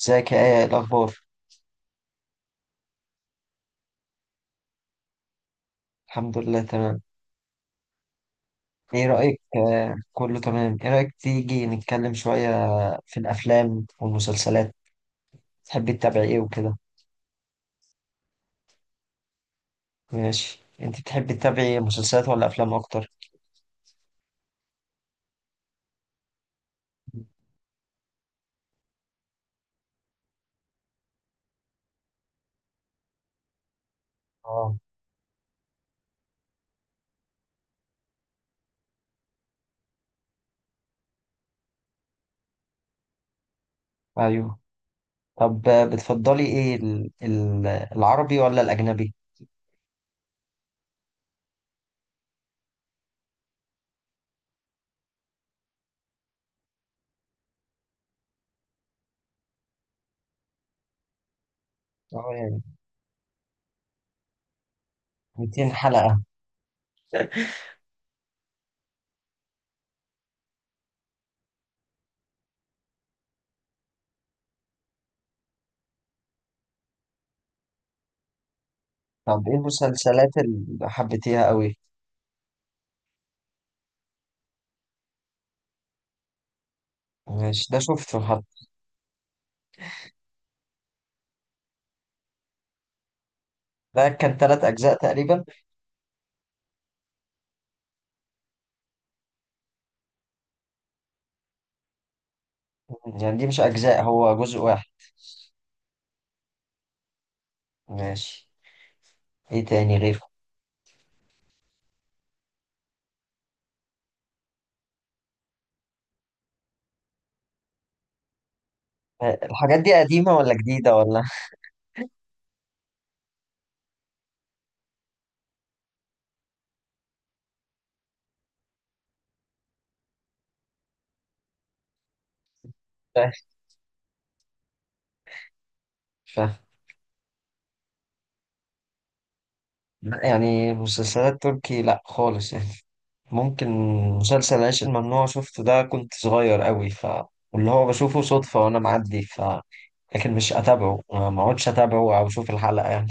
ازيك؟ يا إيه الاخبار؟ الحمد لله تمام. ايه رايك آه كله تمام، ايه رايك تيجي نتكلم شويه في الافلام والمسلسلات؟ تحبي تتابعي ايه وكده؟ ماشي، انت بتحبي تتابعي مسلسلات ولا افلام اكتر؟ اه، ايوه. طب بتفضلي ايه العربي ولا الاجنبي؟ اه يعني 200 حلقه. طب ايه المسلسلات اللي حبيتيها قوي؟ ماشي، ده شفته حتى. ده كان 3 اجزاء تقريبا. يعني دي مش اجزاء، هو جزء واحد. ماشي. ايه تاني غير؟ الحاجات دي قديمة ولا جديدة ولا؟ مش فاهم. لا، يعني مسلسلات تركي لا خالص يعني. ممكن مسلسل العيش الممنوع شفته، ده كنت صغير قوي ف واللي هو بشوفه صدفة وأنا معدي ف لكن مش أتابعه، ما أقعدش أتابعه أو أشوف الحلقة يعني.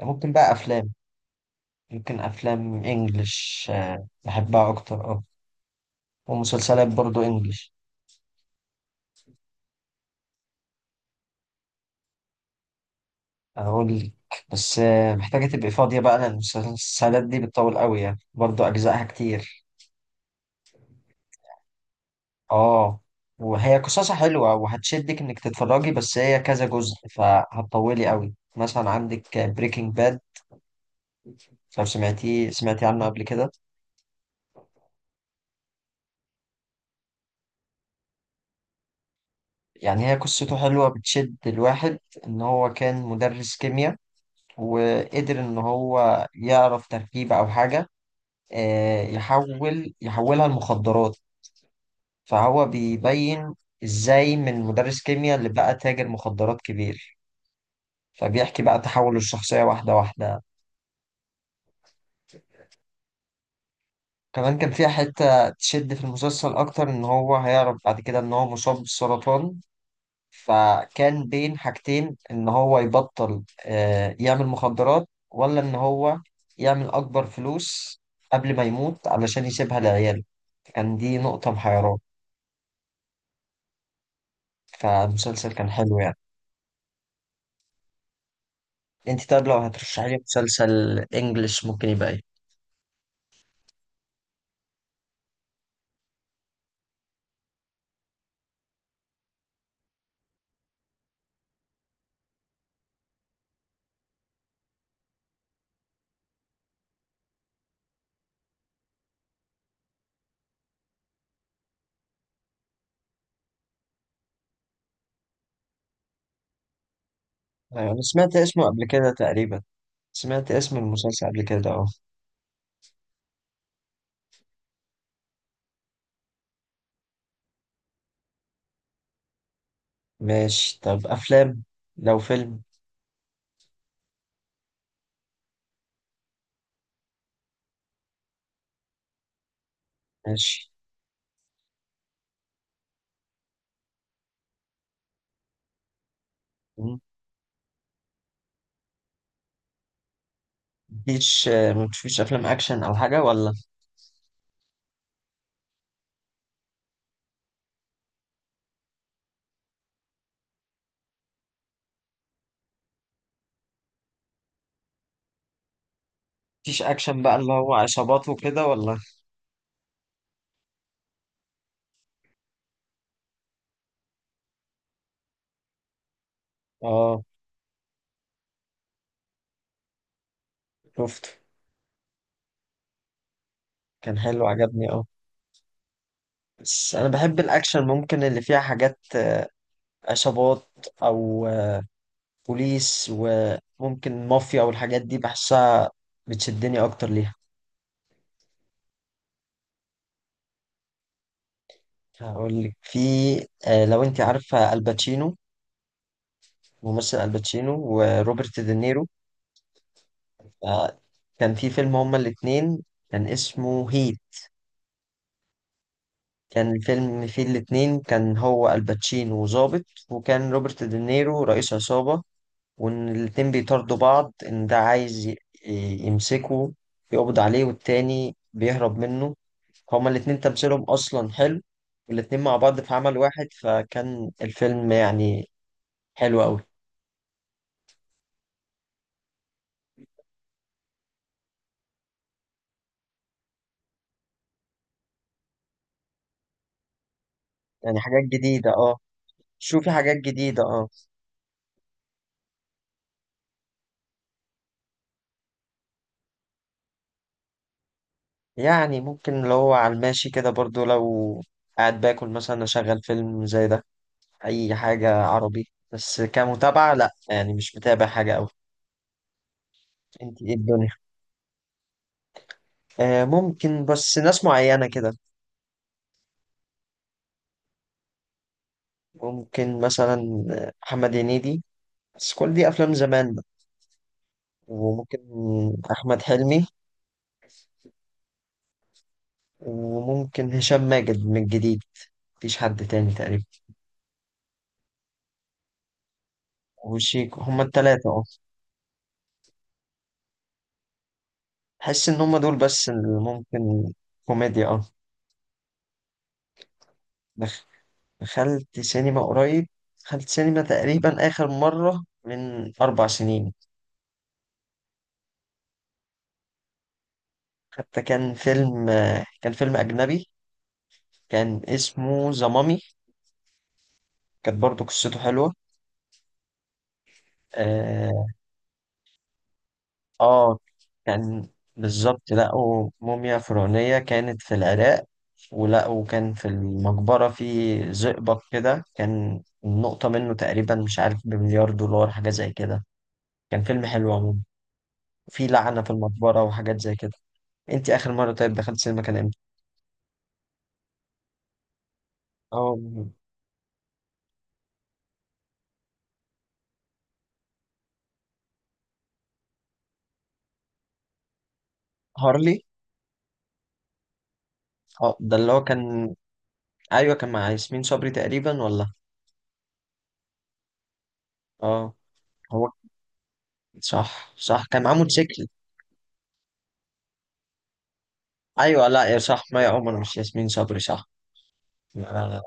ممكن بقى أفلام. ممكن أفلام إنجلش، بحبها أكتر أه. ومسلسلات برضو إنجلش. أقول لك. بس محتاجة تبقي فاضية بقى لأن المسلسلات دي بتطول قوي يعني برضو أجزائها كتير. اه. وهي قصصها حلوة وهتشدك انك تتفرجي، بس هي كذا جزء فهتطولي قوي. مثلا عندك بريكنج باد، لو سمعتيه سمعتي عنه قبل كده. يعني هي قصته حلوة بتشد الواحد. ان هو كان مدرس كيمياء وقدر ان هو يعرف تركيبة او حاجة، يحولها لمخدرات. فهو بيبين ازاي من مدرس كيمياء اللي بقى تاجر مخدرات كبير. فبيحكي بقى تحوله الشخصية واحدة واحدة. كمان كان فيها حتة تشد في المسلسل أكتر، إن هو هيعرف بعد كده إن هو مصاب بالسرطان. فكان بين حاجتين، إن هو يبطل يعمل مخدرات ولا إن هو يعمل أكبر فلوس قبل ما يموت علشان يسيبها لعياله. كان دي نقطة محيراه. فالمسلسل كان حلو يعني. أنت طيب لو هترشحي لي مسلسل إنجلش ممكن يبقى إيه؟ أيوة، أنا سمعت اسمه قبل كده تقريبا. سمعت اسم المسلسل قبل كده أه. ماشي طب أفلام. لو فيلم. ماشي. مفيش مفيش افلام اكشن او حاجه ولا؟ مفيش اكشن بقى اللي هو عصابات وكده ولا؟ اه شفته. كان حلو عجبني اه. بس انا بحب الاكشن، ممكن اللي فيها حاجات عصابات او بوليس وممكن مافيا والحاجات دي بحسها بتشدني اكتر ليها. هقول لك. في لو انت عارفه الباتشينو، ممثل الباتشينو وروبرت دينيرو. آه، كان في فيلم هما الاتنين، كان اسمه هيت. كان الفيلم فيه الاتنين، كان هو الباتشينو ظابط وكان روبرت دينيرو رئيس عصابة. وإن الاتنين بيطاردوا بعض، إن ده عايز يمسكه يقبض عليه، والتاني بيهرب منه. هما الاتنين تمثيلهم أصلا حلو، والاتنين مع بعض في عمل واحد، فكان الفيلم يعني حلو أوي. يعني حاجات جديدة اه. شوفي حاجات جديدة اه. يعني ممكن لو هو على الماشي كده برضو، لو قاعد باكل مثلا أشغل فيلم زي ده. اي حاجة عربي بس كمتابعة لا يعني مش متابع حاجة اوي. انت ايه الدنيا. آه ممكن بس ناس معينة كده. ممكن مثلا محمد هنيدي، بس كل دي افلام زمان بقى. وممكن احمد حلمي. وممكن هشام ماجد من الجديد. مفيش حد تاني تقريبا. وشيكو، هما التلاتة اه. بحس ان هما دول بس اللي ممكن كوميديا اه. دخ- دخلت سينما قريب. دخلت سينما تقريبا اخر مرة من 4 سنين. حتى كان فيلم، كان فيلم أجنبي، كان اسمه ذا مامي. كانت برضه قصته حلوة. آه. آه كان بالظبط لقوا موميا فرعونية، كانت في العراق. ولقوا كان في المقبرة في زئبق كده، كان النقطة منه تقريبا مش عارف بمليار دولار حاجة زي كده. كان فيلم حلو عموما. في لعنة في المقبرة وحاجات زي كده. انت آخر مرة طيب دخلت سينما كان امتى؟ اه هارلي اه، ده اللي هو كان، ايوه كان مع ياسمين صبري تقريبا ولا؟ اه هو صح صح كان معاه موتوسيكل. ايوه لا يا صح، ما يا عمر مش ياسمين صبري صح. أنا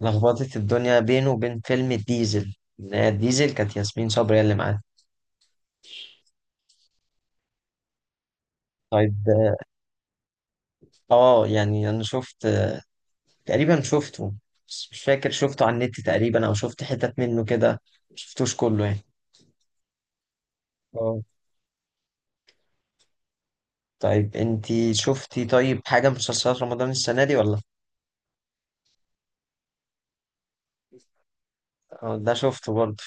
لخبطت الدنيا بينه وبين فيلم الديزل، اللي هي الديزل كانت ياسمين صبري هي اللي معاه. طيب اه يعني انا شفت تقريبا شفته، بس مش فاكر شفته على النت تقريبا او شفت حتت منه كده. مشفتوش كله يعني. اه طيب انتي شفتي طيب حاجة من مسلسلات رمضان السنة دي ولا؟ ده شفته برضه.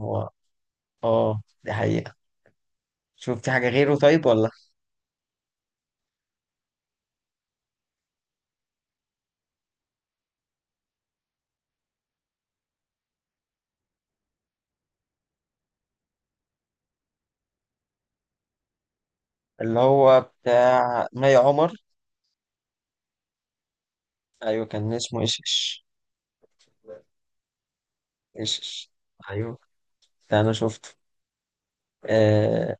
هو اه دي حقيقة. شفتي حاجة غيره طيب ولا؟ اللي هو بتاع مي عمر. ايوه كان اسمه ايشش. ايشش. ايوه ده انا شفته. آه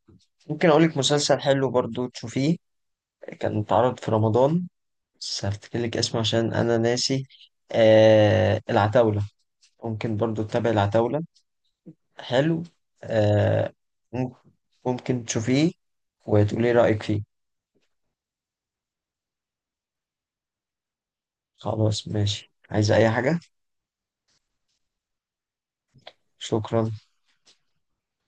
ممكن اقول لك مسلسل حلو برضو تشوفيه، كان اتعرض في رمضان، بس هفتكر لك اسمه عشان انا ناسي. آه العتاولة، ممكن برضو تتابع العتاولة. حلو. آه مم- ممكن تشوفيه وتقولي رأيك فيه. خلاص ماشي، عايز اي حاجة؟ شكرا.